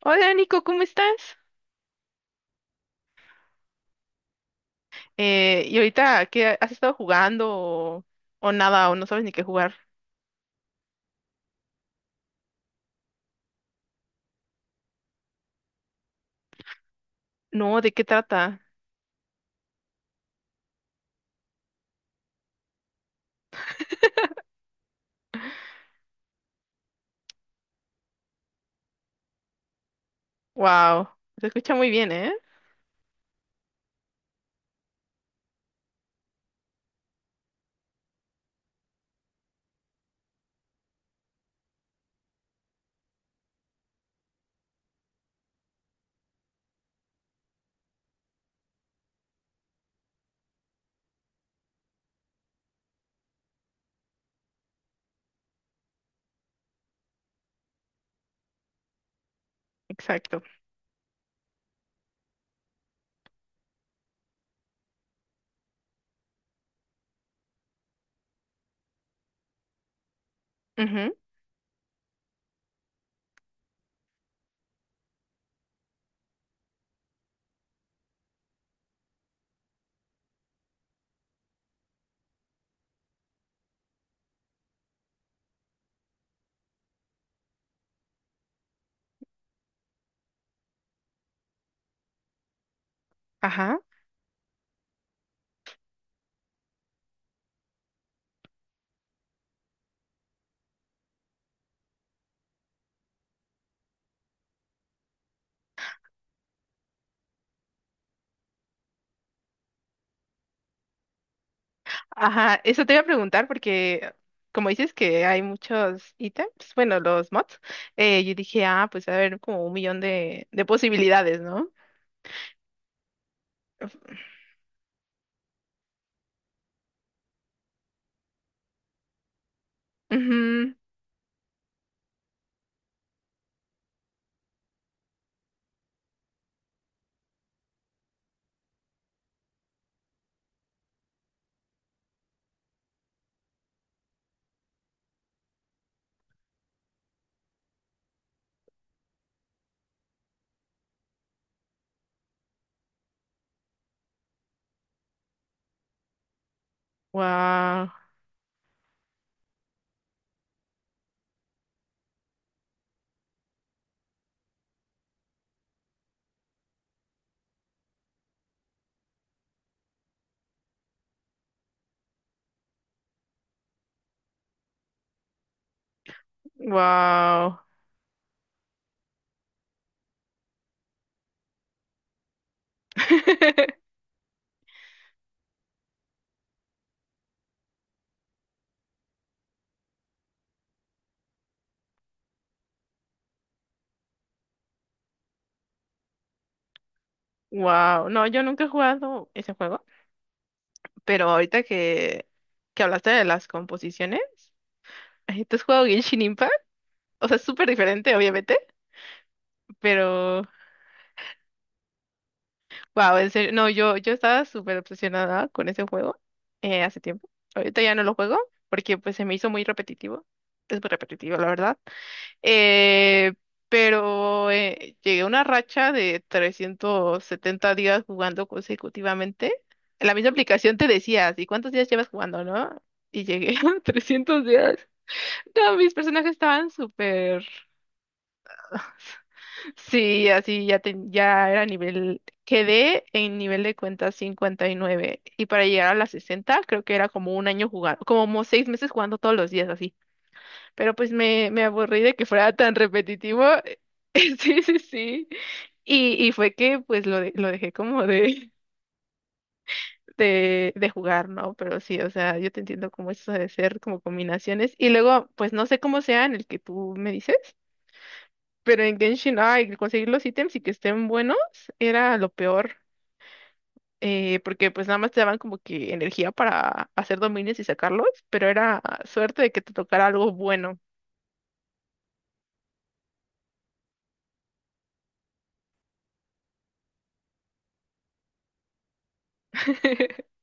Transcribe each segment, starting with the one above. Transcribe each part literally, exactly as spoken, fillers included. Hola Nico, ¿cómo estás? Eh, ¿y ahorita qué has estado jugando o, o nada o no sabes ni qué jugar? No, ¿de qué trata? Wow, se escucha muy bien, ¿eh? Exacto. Ujú. Ajá, ajá, eso te iba a preguntar porque como dices que hay muchos ítems, bueno, los mods, eh, yo dije, ah, pues va a ver, como un millón de, de posibilidades, ¿no? Ujú. Wow, wow. Wow, no, yo nunca he jugado ese juego. Pero ahorita que, que hablaste de las composiciones, ¿tú has jugado Genshin Impact? O sea, es súper diferente, obviamente, pero wow, en serio, no, yo, yo estaba súper obsesionada con ese juego eh, hace tiempo. Ahorita ya no lo juego porque pues se me hizo muy repetitivo. Es muy repetitivo, la verdad. Eh, pero eh, llegué a una racha de trescientos setenta días jugando consecutivamente. En la misma aplicación te decías, ¿y cuántos días llevas jugando, no? Y llegué a trescientos días. No, mis personajes estaban súper. Sí, así ya, ten- ya era nivel. Quedé en nivel de cuenta cincuenta y nueve. Y nueve. Y para llegar a las sesenta, creo que era como un año jugando, como seis meses jugando todos los días así. Pero pues me, me aburrí de que fuera tan repetitivo. Sí, sí, sí. Y, y fue que pues lo, de- lo dejé como de, de, de jugar, ¿no? Pero sí, o sea, yo te entiendo como eso de ser como combinaciones. Y luego, pues no sé cómo sea en el que tú me dices. Pero en Genshin, ay, conseguir los ítems y que estén buenos era lo peor, eh, porque pues nada más te daban como que energía para hacer dominios y sacarlos, pero era suerte de que te tocara algo bueno.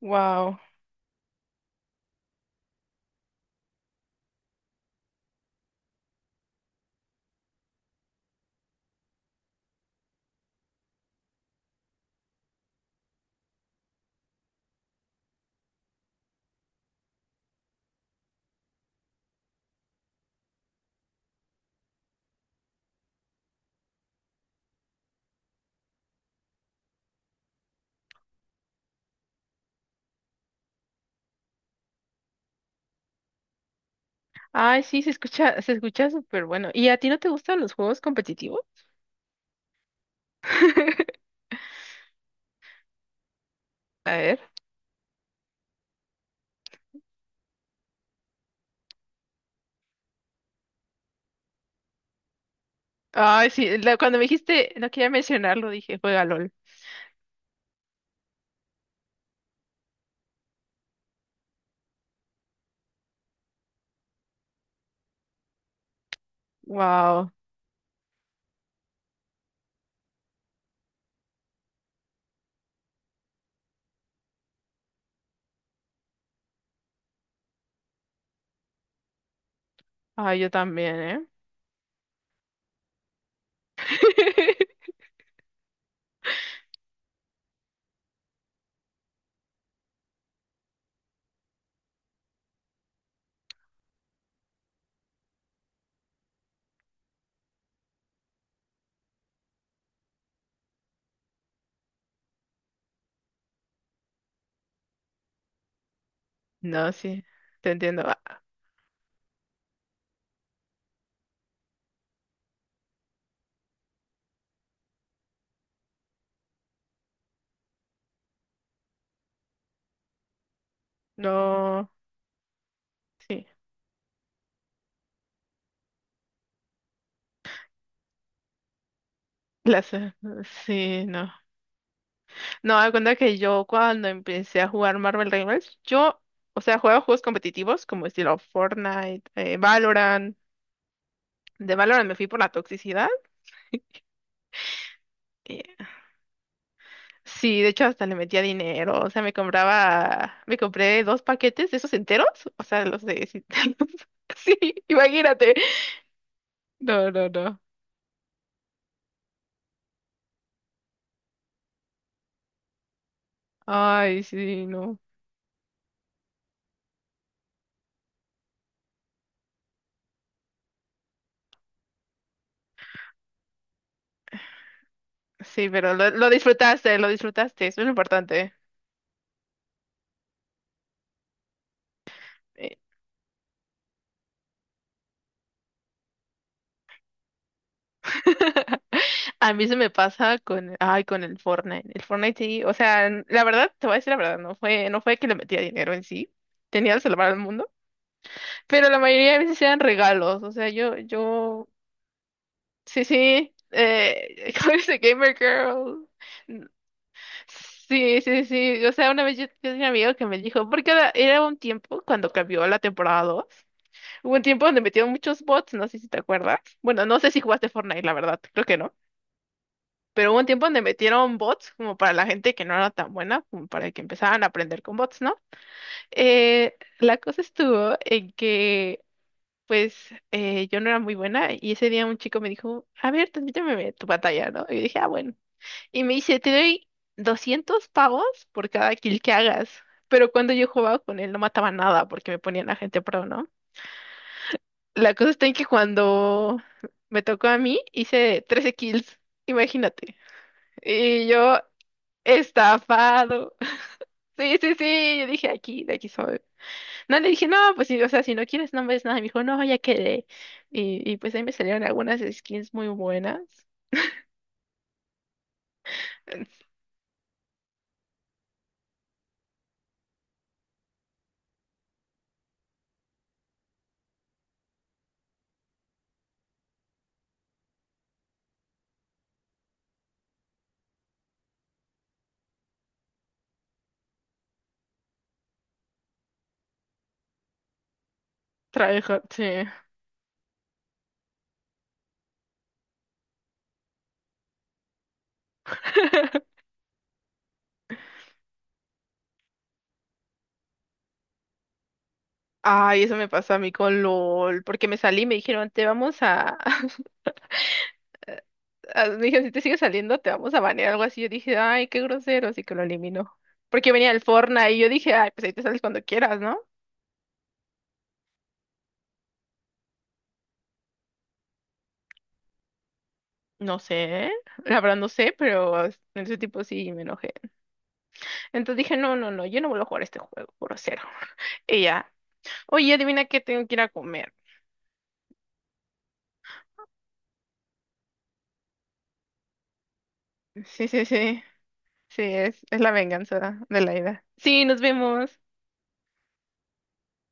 Wow. Ay, sí, se escucha, se escucha súper bueno. ¿Y a ti no te gustan los juegos competitivos? A ver. Ay, sí, la- cuando me dijiste, no quería mencionarlo, dije, juega LOL. Wow. Ay, yo también, ¿eh? No, sí, te entiendo. Ah. No, sí. Las, eh, sí, no. No, da cuenta que yo cuando empecé a jugar Marvel Rivals, yo, o sea, jugaba juegos competitivos como estilo Fortnite, eh, Valorant. De Valorant me fui por la toxicidad. eh, sí, de hecho hasta le metía dinero. O sea, me compraba, me compré dos paquetes de esos enteros. O sea. los de... Sí, sí, imagínate. No, no, no. Ay, sí, no. Sí, pero lo, lo disfrutaste, lo disfrutaste. Eso es lo importante. Eh, A mí se me pasa con, ay, con el Fortnite. El Fortnite sí, o sea, n- la verdad, te voy a decir la verdad, no fue, no fue que le metía dinero en sí, tenía que salvar al mundo, pero la mayoría de veces eran regalos, o sea, yo, yo, sí, sí, eh, ¿cómo dice Gamer Girl? N- Sí, sí, sí, o sea, una vez yo, yo tenía un amigo que me dijo, porque era, era un tiempo cuando cambió la temporada dos hubo un tiempo donde metieron muchos bots, no sé si te acuerdas, bueno, no sé si jugaste Fortnite, la verdad, creo que no. Pero hubo un tiempo donde metieron bots como para la gente que no era tan buena, como para que empezaran a aprender con bots, ¿no? Eh, la cosa estuvo en que, pues, eh, yo no era muy buena y ese día un chico me dijo, a ver, transmíteme tu batalla, ¿no? Y yo dije, ah, bueno. Y me dice, te doy doscientos pavos por cada kill que hagas. Pero cuando yo jugaba con él no mataba nada porque me ponían a gente pro, ¿no? La cosa está en que cuando me tocó a mí hice trece kills, imagínate. Y yo Estafado. Sí, sí, sí, yo dije aquí, de aquí soy. No le dije, no, pues sí, o sea, si no quieres, no ves nada. Y me dijo, no, ya quedé. Y, y pues ahí me salieron algunas skins muy buenas. Eh, Trabajo, sí. Ay, eso me pasó a mí con LOL, porque me salí y me dijeron, te vamos a... a- Me dijeron, si te sigues saliendo, te vamos a banear, algo así. Yo dije, ay, qué grosero, así que lo eliminó. Porque venía el Fortnite y yo dije, ay, pues ahí te sales cuando quieras, ¿no? No sé, la verdad no sé, pero en ese tipo sí me enojé. Entonces dije, no, no, no, yo no vuelvo a jugar este juego, grosero. Y ya, oye, adivina qué, tengo que ir a comer. Sí, sí, sí, sí, es, es la venganza de la ida. Sí, nos vemos.